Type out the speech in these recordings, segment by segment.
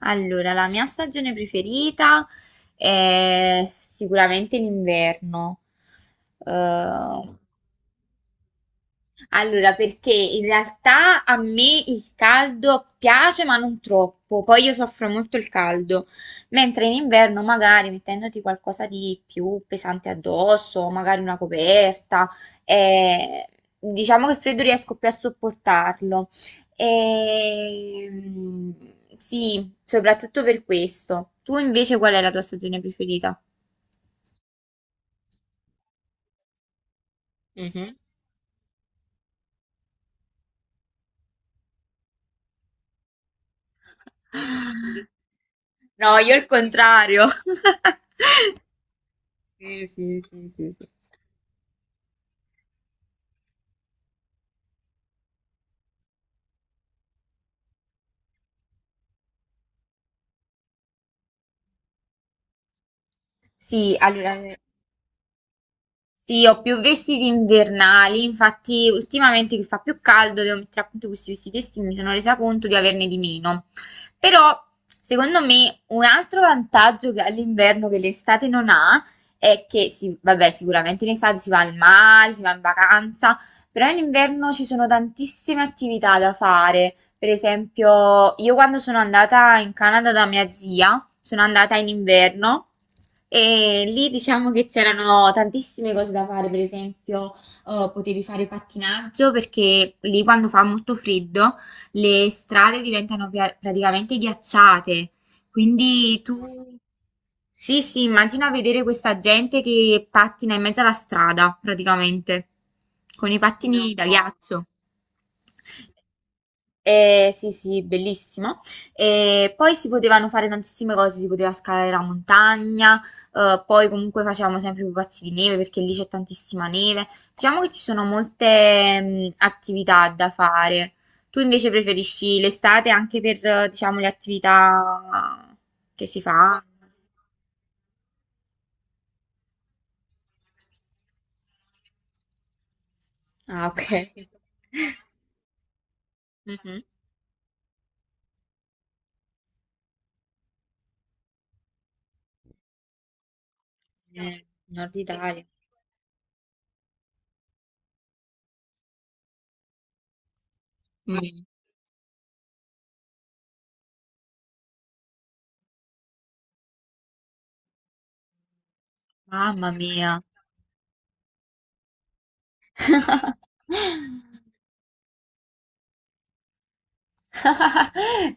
Allora, la mia stagione preferita è sicuramente l'inverno. Eh, perché in realtà a me il caldo piace, ma non troppo. Poi io soffro molto il caldo, mentre in inverno magari mettendoti qualcosa di più pesante addosso, magari una coperta, eh, diciamo che il freddo riesco più a sopportarlo. Ehm, sì, soprattutto per questo. Tu invece qual è la tua stagione preferita? Mhm. No, io il contrario. Sì, sì, sì, sì, sì. Sì, sì, ho più vestiti invernali, infatti ultimamente che fa più caldo devo mettere appunto questi vestiti estivi, mi sono resa conto di averne di meno. Però, secondo me, un altro vantaggio che ha l'inverno che l'estate non ha è che, sì, vabbè, sicuramente in estate si va al mare, si va in vacanza, però in inverno ci sono tantissime attività da fare. Per esempio, io quando sono andata in Canada da mia zia, sono andata in inverno e lì diciamo che c'erano tantissime cose da fare, per esempio, potevi fare pattinaggio perché lì quando fa molto freddo le strade diventano praticamente ghiacciate. Quindi tu, sì, sì, immagina vedere questa gente che pattina in mezzo alla strada, praticamente, con i pattini da ghiaccio. Sì, sì, bellissimo. E poi si potevano fare tantissime cose, si poteva scalare la montagna, poi comunque facevamo sempre i pupazzi di neve perché lì c'è tantissima neve. Diciamo che ci sono molte attività da fare. Tu invece preferisci l'estate anche per, diciamo, le attività che si fa? Ah, ok. Mhm. Nord Italia. Mm. Mamma mia.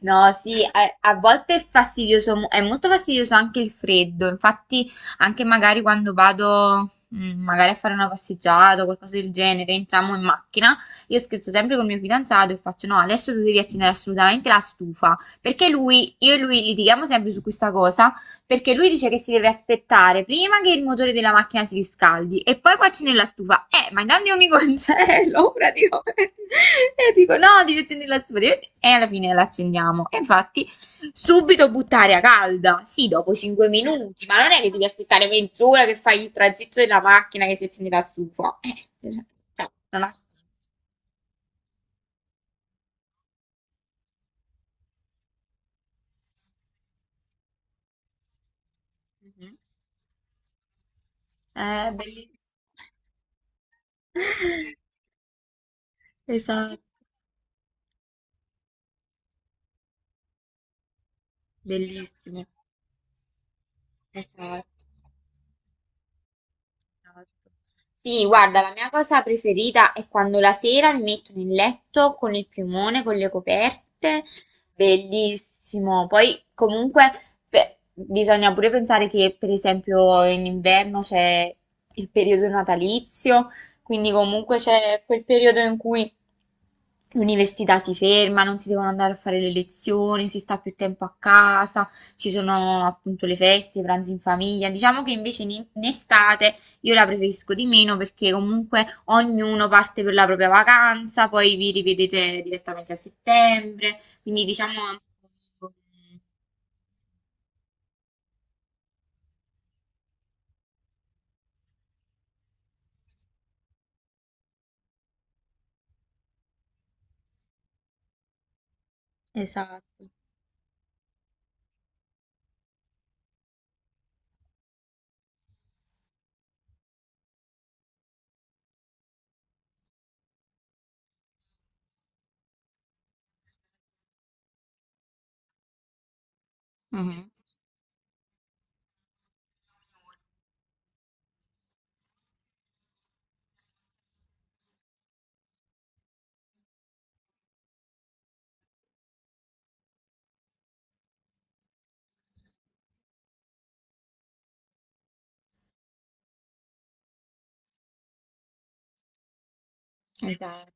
No, sì, a volte è fastidioso, è molto fastidioso anche il freddo. Infatti, anche magari quando vado, magari a fare una passeggiata o qualcosa del genere, entriamo in macchina, io scherzo sempre col mio fidanzato e faccio: No, adesso tu devi accendere assolutamente la stufa. Perché lui, io e lui litighiamo sempre su questa cosa. Perché lui dice che si deve aspettare prima che il motore della macchina si riscaldi e poi cuoci nella stufa. Ma intanto io mi congelo praticamente. E dico no, devi accendere la stufa. E alla fine la accendiamo. E infatti, subito buttare a calda. Sì, dopo 5 minuti, ma non è che devi aspettare mezz'ora che fai il tragitto della macchina che si accende la stufa. Cioè, non ha senso. Mhm. Bellissimo. Esatto, bellissimo. Esatto. Esatto. Sì, guarda, la mia cosa preferita è quando la sera mi metto nel letto con il piumone, con le coperte, bellissimo. Poi comunque bisogna pure pensare che per esempio in inverno c'è il periodo natalizio, quindi comunque c'è quel periodo in cui l'università si ferma, non si devono andare a fare le lezioni, si sta più tempo a casa, ci sono appunto le feste, i pranzi in famiglia. Diciamo che invece in estate... Io la preferisco di meno perché comunque ognuno parte per la propria vacanza, poi vi rivedete direttamente a settembre, quindi diciamo... è un po', esatto. Mhm, esatto.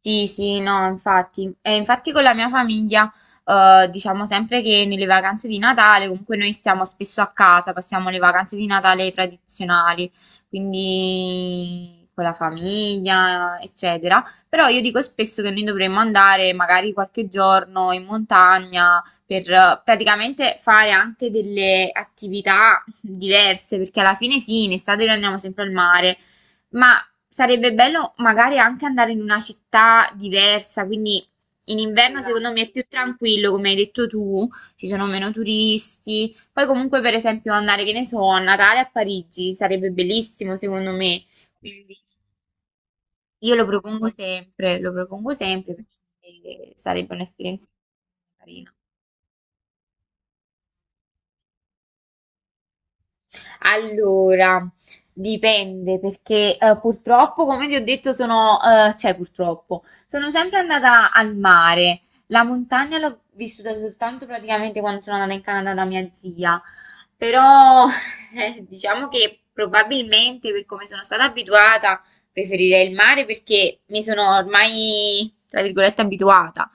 Sì, sì, no, infatti. E infatti con la mia famiglia, diciamo sempre che nelle vacanze di Natale, comunque noi stiamo spesso a casa, passiamo le vacanze di Natale tradizionali, quindi con la famiglia, eccetera. Però io dico spesso che noi dovremmo andare magari qualche giorno in montagna per praticamente fare anche delle attività diverse, perché alla fine sì, in estate noi andiamo sempre al mare. Ma sarebbe bello magari anche andare in una città diversa, quindi in inverno secondo me è più tranquillo, come hai detto tu, ci sono meno turisti. Poi comunque per esempio andare, che ne so, a Natale a Parigi sarebbe bellissimo secondo me. Quindi io lo propongo sempre perché sarebbe un'esperienza carina. Allora, dipende perché purtroppo, come ti ho detto, sono, cioè purtroppo, sono sempre andata al mare. La montagna l'ho vissuta soltanto praticamente quando sono andata in Canada da mia zia, però diciamo che probabilmente per come sono stata abituata preferirei il mare perché mi sono ormai, tra virgolette, abituata.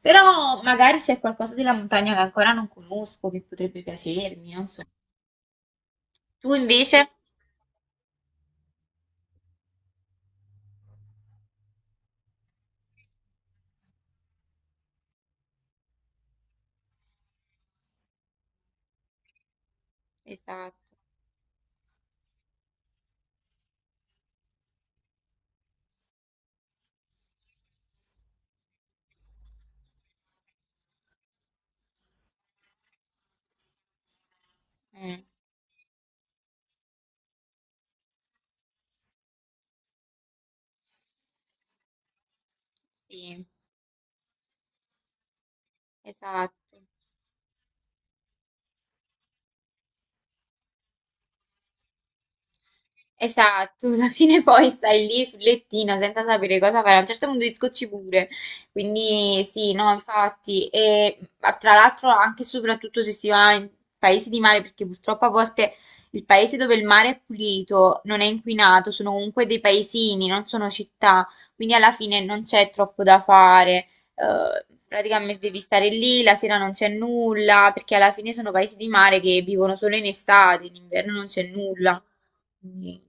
Però magari c'è qualcosa della montagna che ancora non conosco, che potrebbe piacermi, non so. Tu invece? Esatto, mm, sì, esatto, esatto, alla fine poi stai lì sul lettino senza sapere cosa fare, a un certo punto ti scocci pure, quindi sì, no, infatti, e ma tra l'altro anche e soprattutto se si va in paesi di mare, perché purtroppo a volte il paese dove il mare è pulito, non è inquinato, sono comunque dei paesini, non sono città, quindi alla fine non c'è troppo da fare. Praticamente devi stare lì, la sera non c'è nulla, perché alla fine sono paesi di mare che vivono solo in estate, in inverno non c'è nulla. Quindi,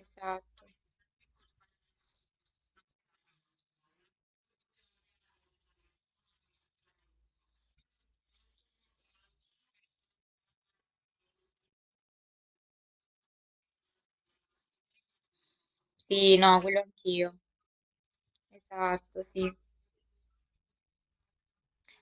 esatto. Sì, no, quello anch'io. Esatto, sì.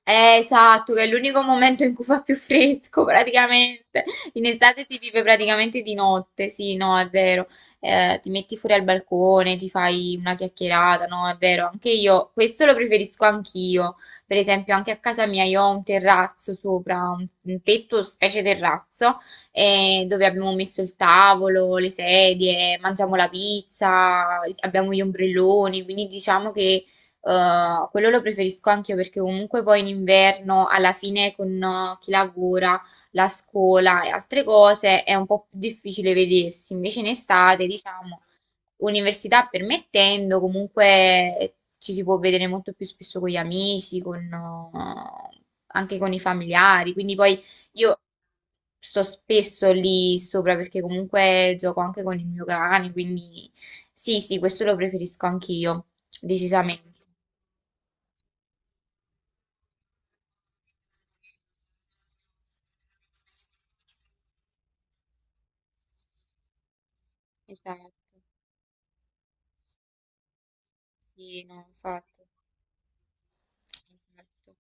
Esatto, che è l'unico momento in cui fa più fresco praticamente. In estate si vive praticamente di notte, sì, no, è vero. Ti metti fuori al balcone, ti fai una chiacchierata, no, è vero. Anche io, questo lo preferisco anch'io. Per esempio, anche a casa mia io ho un terrazzo sopra, un tetto, specie terrazzo, dove abbiamo messo il tavolo, le sedie, mangiamo la pizza, abbiamo gli ombrelloni, quindi diciamo che quello lo preferisco anche io perché comunque poi in inverno, alla fine con chi lavora, la scuola e altre cose, è un po' più difficile vedersi. Invece in estate, diciamo, università permettendo, comunque ci si può vedere molto più spesso con gli amici, anche con i familiari. Quindi poi io sto spesso lì sopra perché comunque gioco anche con il mio cane, quindi sì, sì, questo lo preferisco anch'io, decisamente. Esatto, sì, no, infatti, esatto,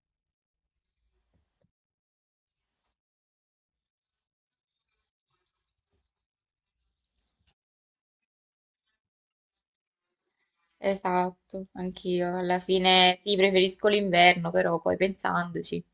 esatto, anch'io, alla fine sì, preferisco l'inverno, però poi pensandoci.